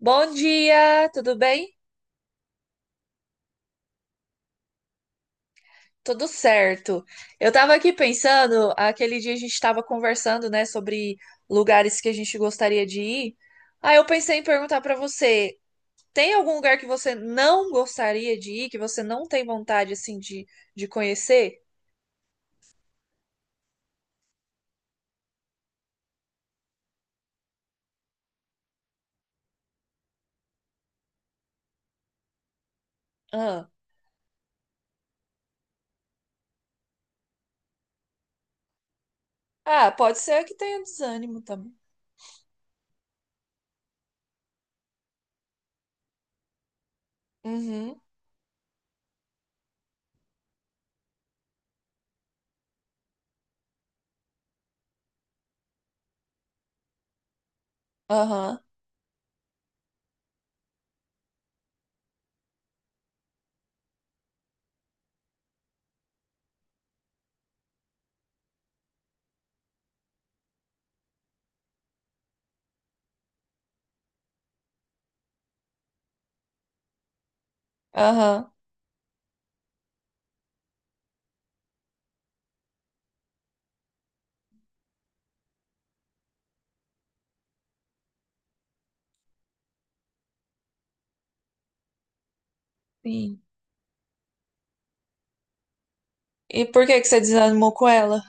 Bom dia, tudo bem? Tudo certo. Eu tava aqui pensando, aquele dia a gente estava conversando, né, sobre lugares que a gente gostaria de ir. Aí eu pensei em perguntar pra você, tem algum lugar que você não gostaria de ir, que você não tem vontade assim de conhecer? Ah. Ah, pode ser que tenha desânimo também. Uhum. Aham. Aham. Sim. E por que que você desanimou com ela?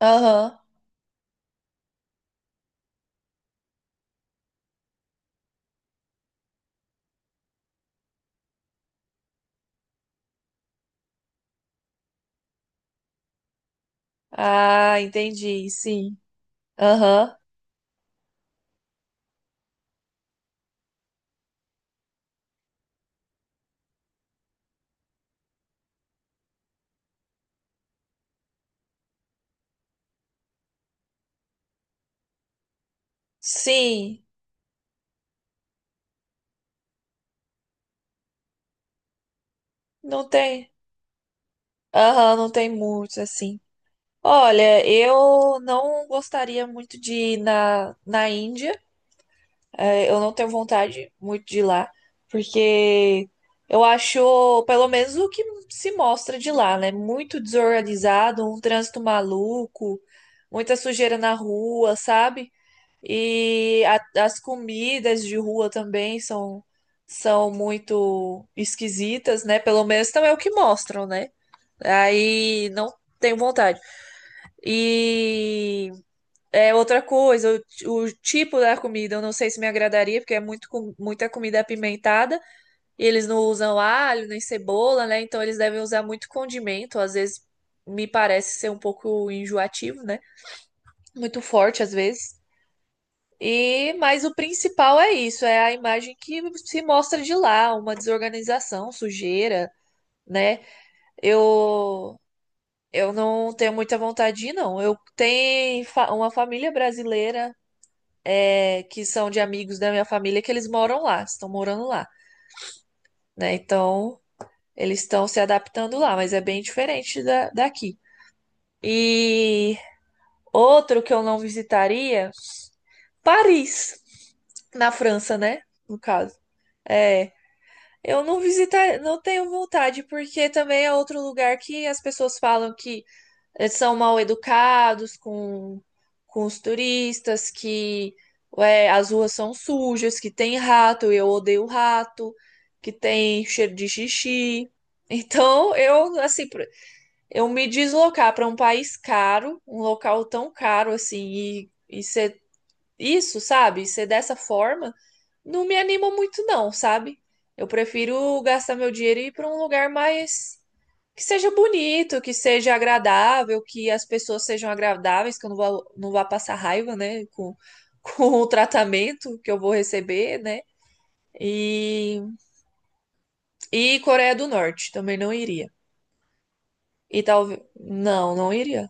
Aham. Ah, entendi. Sim. Aham. Sim. Não tem. Aham, não tem muitos assim. Olha, eu não gostaria muito de ir na Índia. É, eu não tenho vontade muito de ir lá, porque eu acho, pelo menos o que se mostra de lá, né? Muito desorganizado, um trânsito maluco, muita sujeira na rua, sabe? E as comidas de rua também são, são muito esquisitas, né? Pelo menos também é o que mostram, né? Aí não tenho vontade. E é outra coisa, o tipo da comida eu não sei se me agradaria, porque é muito, muita comida apimentada, e eles não usam alho nem cebola, né? Então eles devem usar muito condimento, às vezes me parece ser um pouco enjoativo, né? Muito forte às vezes. E mas o principal é isso, é a imagem que se mostra de lá, uma desorganização, sujeira, né? Eu Eu não tenho muita vontade de ir, não. Eu tenho uma família brasileira é, que são de amigos da minha família que eles moram lá, estão morando lá, né? Então eles estão se adaptando lá, mas é bem diferente da, daqui. E outro que eu não visitaria, Paris, na França, né? No caso. É, eu não visitar, não tenho vontade, porque também é outro lugar que as pessoas falam que eles são mal educados com os turistas, que é, as ruas são sujas, que tem rato, eu odeio rato, que tem cheiro de xixi. Então, eu, assim, eu me deslocar para um país caro, um local tão caro assim, e ser isso, sabe? Ser dessa forma, não me anima muito, não, sabe? Eu prefiro gastar meu dinheiro e ir para um lugar mais que seja bonito, que seja agradável, que as pessoas sejam agradáveis, que eu não vá, não vá passar raiva, né, com, com o tratamento que eu vou receber, né? E, e Coreia do Norte, também não iria. E talvez. Não, não iria.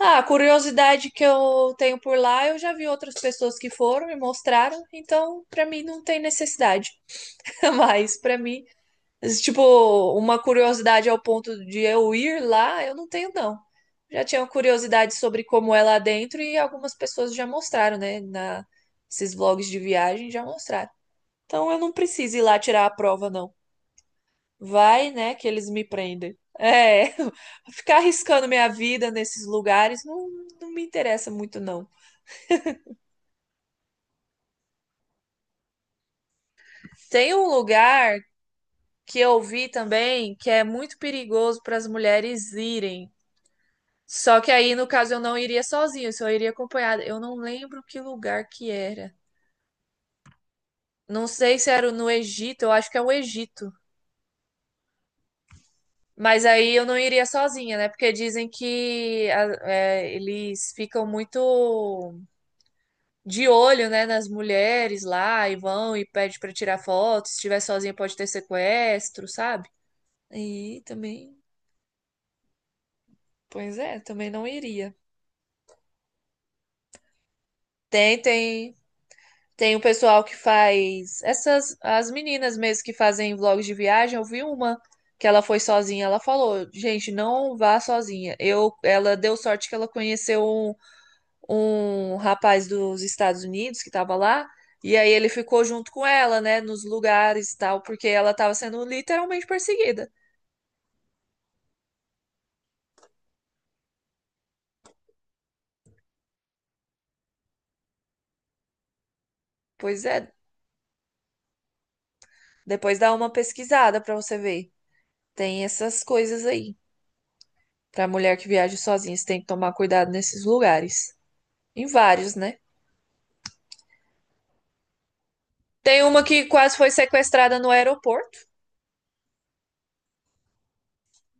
Ah, a curiosidade que eu tenho por lá, eu já vi outras pessoas que foram e mostraram, então pra mim não tem necessidade. Mas pra mim tipo, uma curiosidade ao ponto de eu ir lá, eu não tenho, não. Já tinha curiosidade sobre como é lá dentro e algumas pessoas já mostraram, né? Esses vlogs de viagem já mostraram. Então eu não preciso ir lá tirar a prova, não. Vai, né, que eles me prendem. É, ficar arriscando minha vida nesses lugares não, não me interessa muito, não. Tem um lugar que eu vi também que é muito perigoso para as mulheres irem. Só que aí, no caso, eu não iria sozinho, eu só iria acompanhada. Eu não lembro que lugar que era. Não sei se era no Egito, eu acho que é o Egito. Mas aí eu não iria sozinha, né? Porque dizem que é, eles ficam muito de olho, né, nas mulheres lá e vão e pede pra tirar foto. Se estiver sozinha pode ter sequestro, sabe? E também, pois é, também não iria. Tem, tem Tem o pessoal que faz essas as meninas mesmo que fazem vlogs de viagem. Eu vi uma que ela foi sozinha, ela falou: "Gente, não vá sozinha". Eu ela deu sorte que ela conheceu um, um rapaz dos Estados Unidos que estava lá e aí ele ficou junto com ela, né, nos lugares e tal, porque ela estava sendo literalmente perseguida. Pois é, depois dá uma pesquisada para você ver. Tem essas coisas aí. Para mulher que viaja sozinha, você tem que tomar cuidado nesses lugares. Em vários, né? Tem uma que quase foi sequestrada no aeroporto.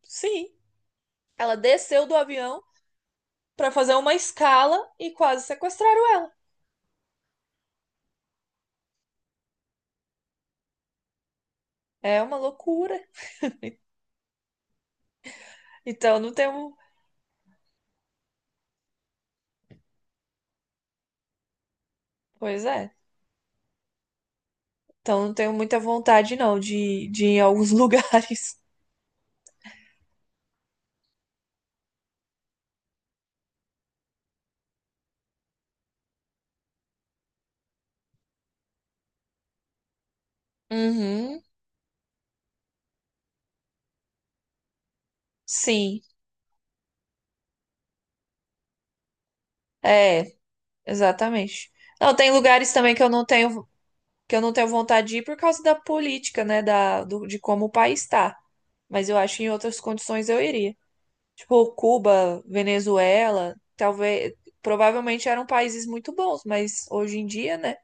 Sim, ela desceu do avião para fazer uma escala e quase sequestraram ela. É uma loucura. Então não tenho. Pois é. Então não tenho muita vontade, não, de ir em alguns lugares. Uhum. Sim. É, exatamente. Não, tem lugares também que eu não tenho, que eu não tenho vontade de ir por causa da política, né? Da, de como o país está. Mas eu acho que em outras condições eu iria. Tipo, Cuba, Venezuela, talvez, provavelmente eram países muito bons, mas hoje em dia, né?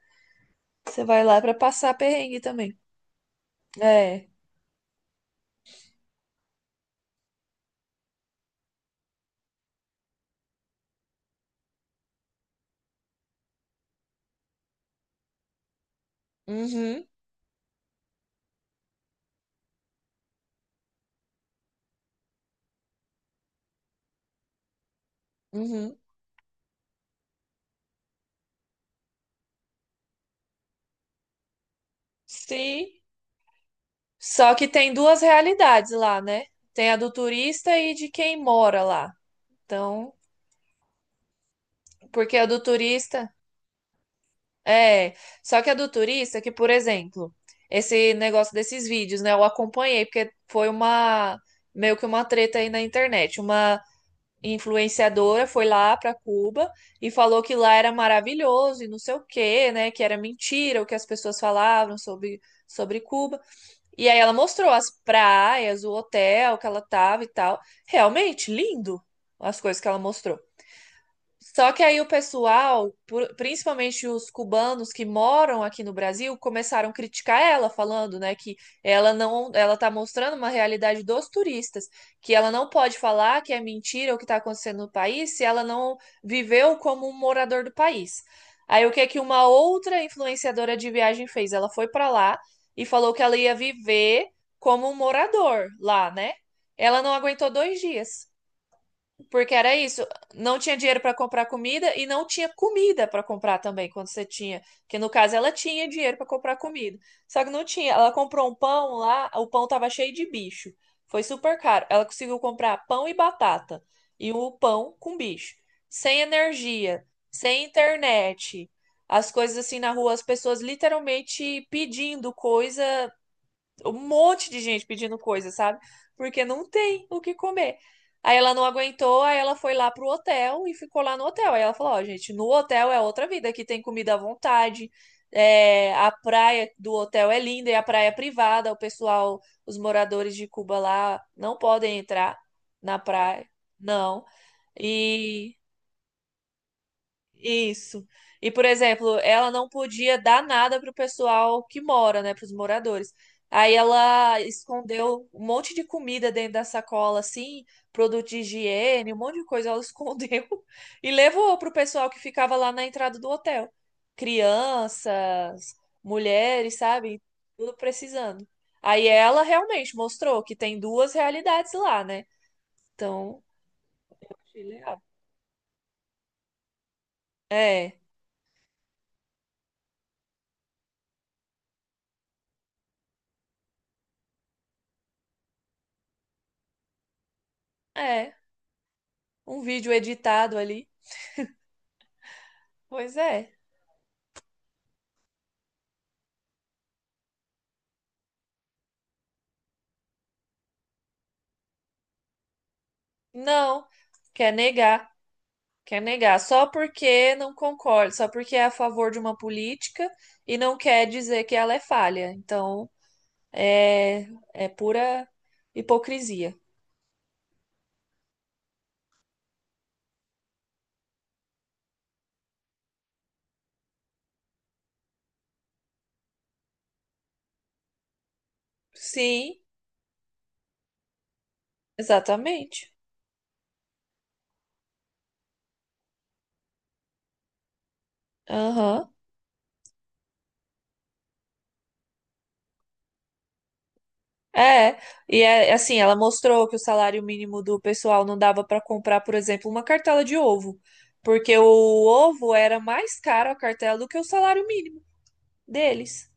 Você vai lá pra passar perrengue também. É. Uhum, uhum. Sim. Só que tem duas realidades lá, né? Tem a do turista e de quem mora lá. Então, porque a do turista é, só que a do turista que, por exemplo, esse negócio desses vídeos, né? Eu acompanhei porque foi uma meio que uma treta aí na internet, uma influenciadora foi lá para Cuba e falou que lá era maravilhoso e não sei o quê, né? Que era mentira o que as pessoas falavam sobre Cuba. E aí ela mostrou as praias, o hotel que ela tava e tal. Realmente lindo as coisas que ela mostrou. Só que aí o pessoal, principalmente os cubanos que moram aqui no Brasil, começaram a criticar ela, falando, né, que ela não, ela tá mostrando uma realidade dos turistas, que ela não pode falar que é mentira o que está acontecendo no país se ela não viveu como um morador do país. Aí o que é que uma outra influenciadora de viagem fez? Ela foi para lá e falou que ela ia viver como um morador lá, né? Ela não aguentou 2 dias. Porque era isso, não tinha dinheiro para comprar comida e não tinha comida para comprar também quando você tinha, que no caso ela tinha dinheiro para comprar comida. Só que não tinha, ela comprou um pão lá, o pão tava cheio de bicho. Foi super caro. Ela conseguiu comprar pão e batata e o pão com bicho. Sem energia, sem internet. As coisas assim na rua, as pessoas literalmente pedindo coisa um monte de gente pedindo coisa, sabe? Porque não tem o que comer. Aí ela não aguentou, aí ela foi lá pro hotel e ficou lá no hotel. Aí ela falou: Ó, gente, no hotel é outra vida, aqui tem comida à vontade, é, a praia do hotel é linda, e a praia é privada, o pessoal, os moradores de Cuba lá não podem entrar na praia, não. E isso. E, por exemplo, ela não podia dar nada pro pessoal que mora, né, pros moradores. Aí ela escondeu um monte de comida dentro da sacola, assim, produto de higiene, um monte de coisa. Ela escondeu e levou pro pessoal que ficava lá na entrada do hotel. Crianças, mulheres, sabe? Tudo precisando. Aí ela realmente mostrou que tem duas realidades lá, né? Então, eu achei legal. É, é. Um vídeo editado ali. Pois é. Não, quer negar, quer negar, só porque não concorda, só porque é a favor de uma política e não quer dizer que ela é falha. Então, é, é pura hipocrisia. Sim, exatamente. Aham. É, e é assim, ela mostrou que o salário mínimo do pessoal não dava para comprar, por exemplo, uma cartela de ovo, porque o ovo era mais caro a cartela do que o salário mínimo deles.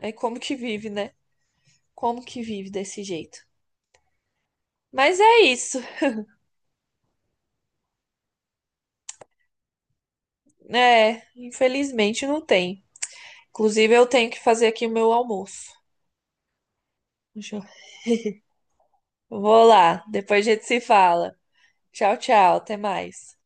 É como que vive, né? Como que vive desse jeito? Mas é isso. É, infelizmente não tem. Inclusive, eu tenho que fazer aqui o meu almoço. Deixa eu- Vou lá, depois a gente se fala. Tchau, tchau, até mais.